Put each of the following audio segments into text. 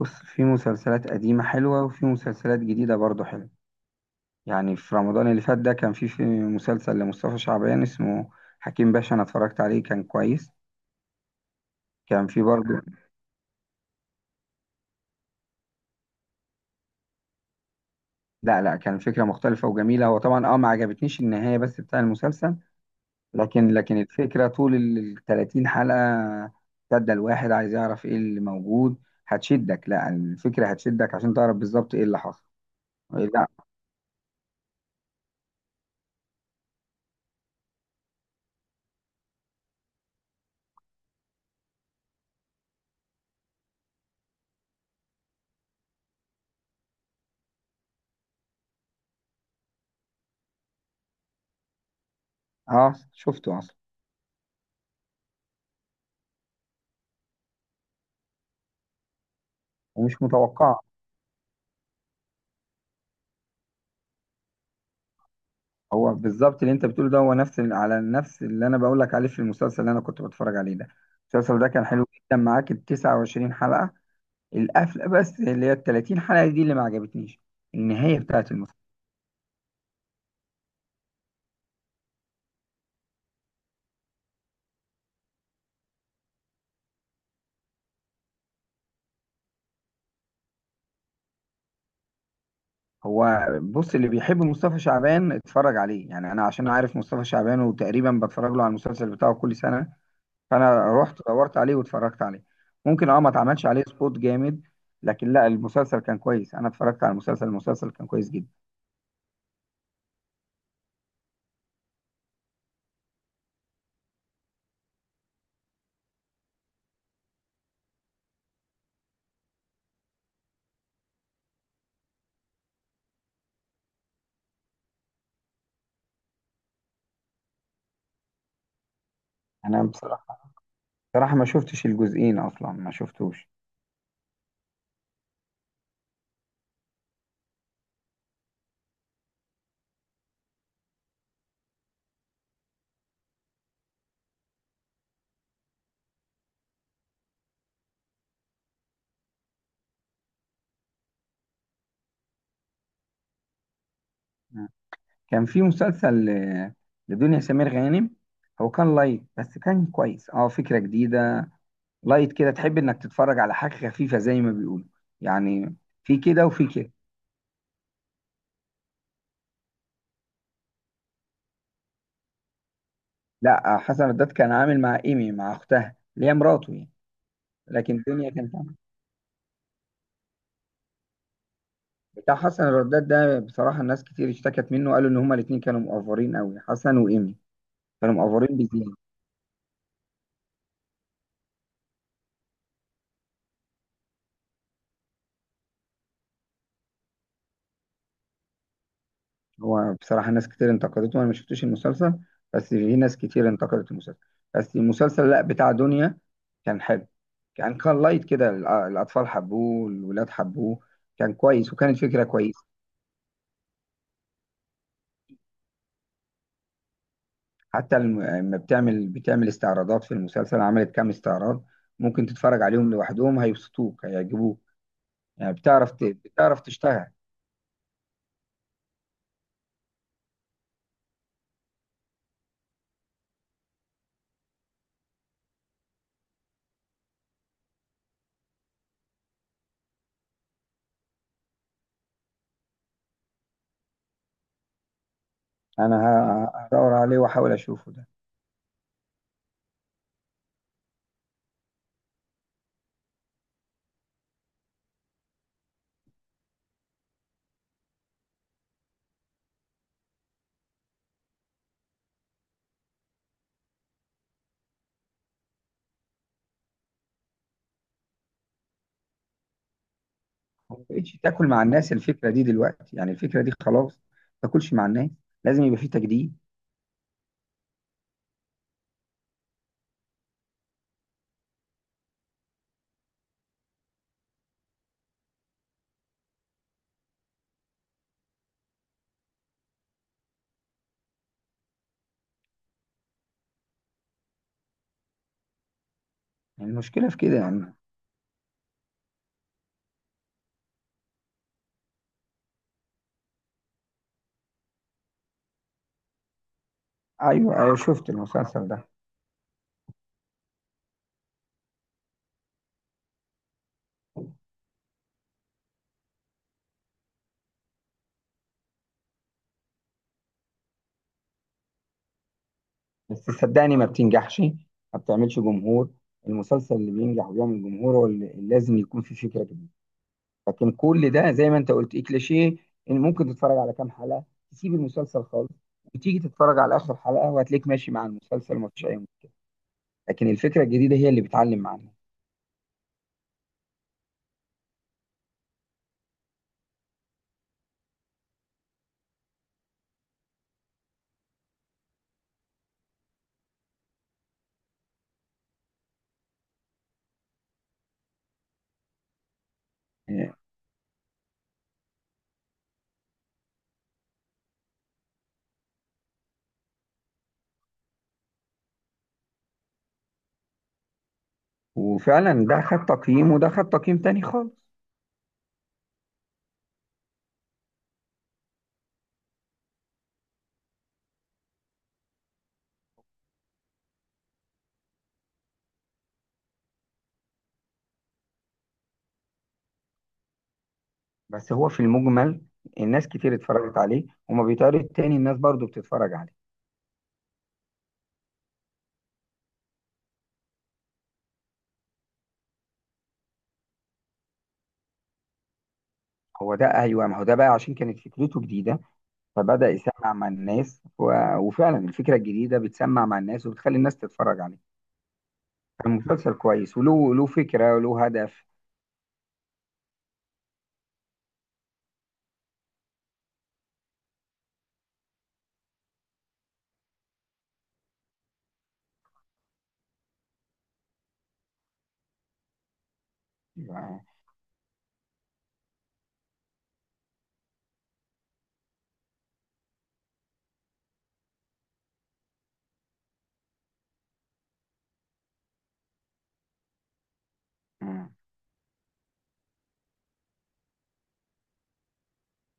بص في مسلسلات قديمة حلوة وفي مسلسلات جديدة برضو حلوة. يعني في رمضان اللي فات ده كان في مسلسل لمصطفى شعبان اسمه حكيم باشا، أنا اتفرجت عليه كان كويس. كان في برضو. لا لا، كان فكرة مختلفة وجميلة، هو طبعا اه ما عجبتنيش النهاية بس بتاع المسلسل. لكن الفكرة طول ال 30 حلقة شدة الواحد عايز يعرف ايه اللي موجود هتشدك، لا الفكرة هتشدك عشان تعرف بالظبط ايه اللي حصل. إيه، لا. اه شفته اصلا. ومش متوقع. هو بالظبط اللي انت بتقوله ده هو نفس على نفس اللي انا بقول لك عليه في المسلسل اللي انا كنت بتفرج عليه ده. المسلسل ده كان حلو جدا معاك ال 29 حلقة، القفلة بس اللي هي ال 30 حلقة دي اللي ما عجبتنيش، النهاية بتاعت المسلسل. هو بص، اللي بيحب مصطفى شعبان اتفرج عليه، يعني انا عشان عارف مصطفى شعبان وتقريبا بتفرج له على المسلسل بتاعه كل سنة. فانا رحت دورت عليه واتفرجت عليه. ممكن اه ما اتعملش عليه سبوت جامد، لكن لا المسلسل كان كويس، انا اتفرجت على المسلسل، المسلسل كان كويس جدا. انا بصراحة صراحة ما شفتش الجزئين أصلا ما شفتوش. كان في مسلسل لدنيا سمير غانم، هو كان لايت بس كان كويس اه فكرة جديدة. لايت كده تحب انك تتفرج على حاجة خفيفة زي ما بيقولوا يعني. في كده وفي كده. لا حسن الرداد كان عامل مع ايمي، مع اختها اللي هي مراته يعني. لكن الدنيا كانت عاملة بتاع حسن الرداد ده بصراحة الناس كتير اشتكت منه، قالوا ان هما الاتنين كانوا مقفرين قوي، حسن وايمي كانوا مقفرين بزيادة. هو بصراحة ناس كتير انتقدته، أنا ما شفتش المسلسل، بس في ناس كتير انتقدت المسلسل. بس المسلسل لا بتاع دنيا كان حلو. كان لايت كده، الأطفال حبوه، الولاد حبوه، كان كويس وكانت فكرة كويسة. حتى لما بتعمل استعراضات في المسلسل عملت كام استعراض ممكن تتفرج عليهم لوحدهم هيبسطوك هيعجبوك. يعني بتعرف تشتغل. أنا هدور عليه وأحاول أشوفه ده. ما بقتش تاكل مع الناس الفكره دي دلوقتي، يعني الفكره دي خلاص ما تاكلش مع الناس، لازم يبقى في تجديد. يعني المشكله في كده يعني. ايوه ايوه، شفت المسلسل ده. بس صدقني ما بتنجحش، ما بتعملش جمهور. المسلسل اللي بينجح وبيعمل جمهور هو اللي لازم يكون فيه فكره جديده. لكن كل ده زي ما انت قلت إيه كليشيه، ان ممكن تتفرج على كام حلقه تسيب المسلسل خالص، وتيجي تتفرج على اخر حلقه وهتلاقيك ماشي مع المسلسل ومفيش اي مشكله. لكن الفكره الجديده هي اللي بتعلم معانا. وفعلا ده خد تقييم وده خد تقييم تاني خالص. بس هو في المجمل الناس كتير اتفرجت عليه، وما بيتعرض تاني الناس برضو بتتفرج عليه. هو ده ايوه، ما هو ده بقى عشان كانت فكرته جديده، فبدأ يسمع مع الناس و... وفعلا الفكره الجديده بتسمع مع الناس وبتخلي الناس تتفرج عليه. كان مسلسل كويس، وله فكره وله هدف. مم.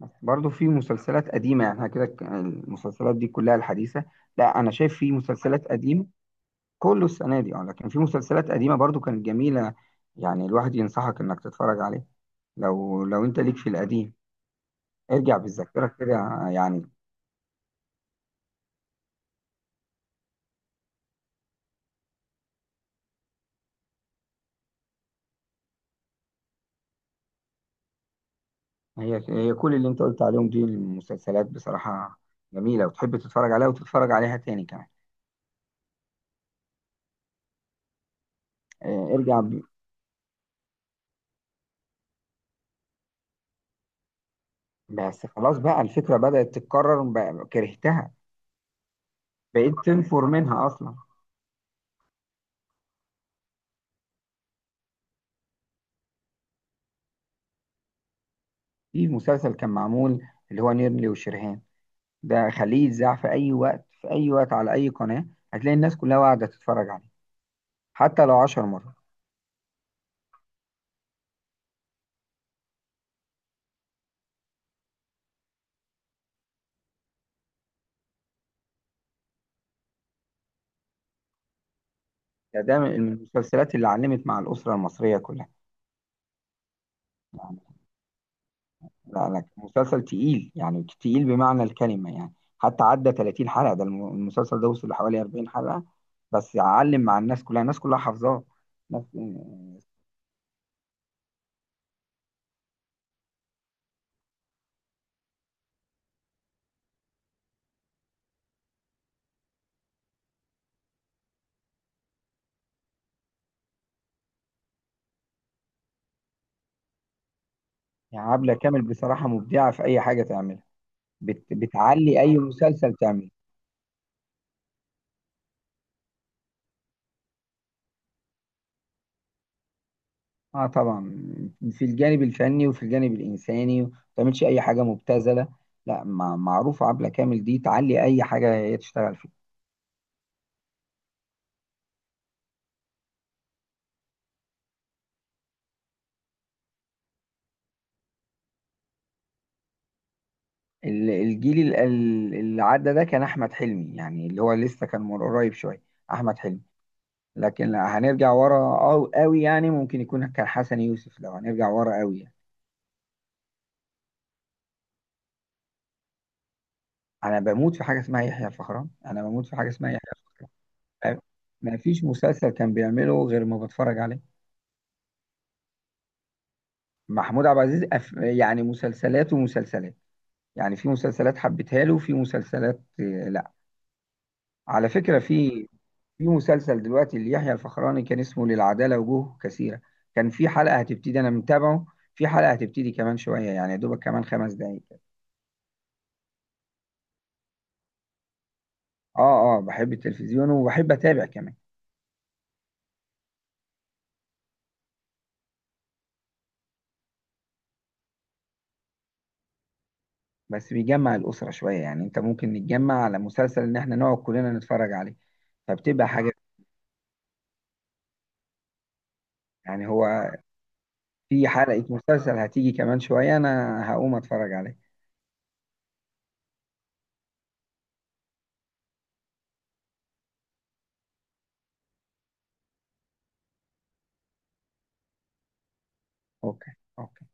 بس برضو في مسلسلات قديمه، يعني إحنا كده المسلسلات دي كلها الحديثه. لا انا شايف في مسلسلات قديمه. كله السنة دي اه، لكن في مسلسلات قديمة برضو كانت جميلة، يعني الواحد ينصحك انك تتفرج عليه لو انت ليك في القديم. ارجع بالذاكرة كده يعني. هي كل اللي انت قلت عليهم دي المسلسلات بصراحة جميلة، وتحب تتفرج عليها وتتفرج عليها تاني كمان. اه، بس خلاص بقى الفكرة بدأت تتكرر بقى كرهتها، بقيت تنفر منها اصلا. في مسلسل كان معمول اللي هو نيرلي وشرهان، ده خليه يتذاع في اي وقت، في اي وقت على اي قناة هتلاقي الناس كلها قاعدة تتفرج عليه، حتى لو 10 مرات. يعني ده من المسلسلات اللي علمت مع الأسرة المصرية كلها. يعني لا لا، مسلسل تقيل يعني تقيل بمعنى الكلمة يعني. حتى عدى 30 حلقة، ده المسلسل ده وصل لحوالي 40 حلقة، بس علم مع الناس كلها، الناس كلها حافظاه ناس. يعني عبلة كامل بصراحة مبدعة في أي حاجة تعملها. بتعلي أي مسلسل تعمله. اه طبعا، في الجانب الفني وفي الجانب الإنساني ما تعملش أي حاجة مبتذلة. لا معروف عبلة كامل دي تعلي أي حاجة هي تشتغل فيها. الجيل اللي عدى ده كان احمد حلمي، يعني اللي هو لسه كان من قريب شويه، احمد حلمي. لكن لا هنرجع ورا أو قوي يعني، ممكن يكون كان حسن يوسف لو هنرجع ورا قوي يعني. انا بموت في حاجه اسمها يحيى الفخراني، انا بموت في حاجه اسمها يحيى الفخراني. ما فيش مسلسل كان بيعمله غير ما بتفرج عليه. محمود عبد العزيز يعني مسلسلات ومسلسلات. يعني في مسلسلات حبيتها له، وفي مسلسلات لا. على فكره في مسلسل دلوقتي ليحيى الفخراني كان اسمه للعدالة وجوه كثيرة. كان في حلقة هتبتدي أنا متابعه، في حلقة هتبتدي كمان شوية، يعني يا دوبك كمان 5 دقايق كده. آه آه، بحب التلفزيون وبحب أتابع كمان. بس بيجمع الأسرة شوية، يعني أنت ممكن نتجمع على مسلسل إن إحنا نقعد كلنا نتفرج عليه، فبتبقى حاجة يعني هو. في حلقة مسلسل هتيجي كمان شوية أنا هقوم أتفرج عليه. أوكي أوكي.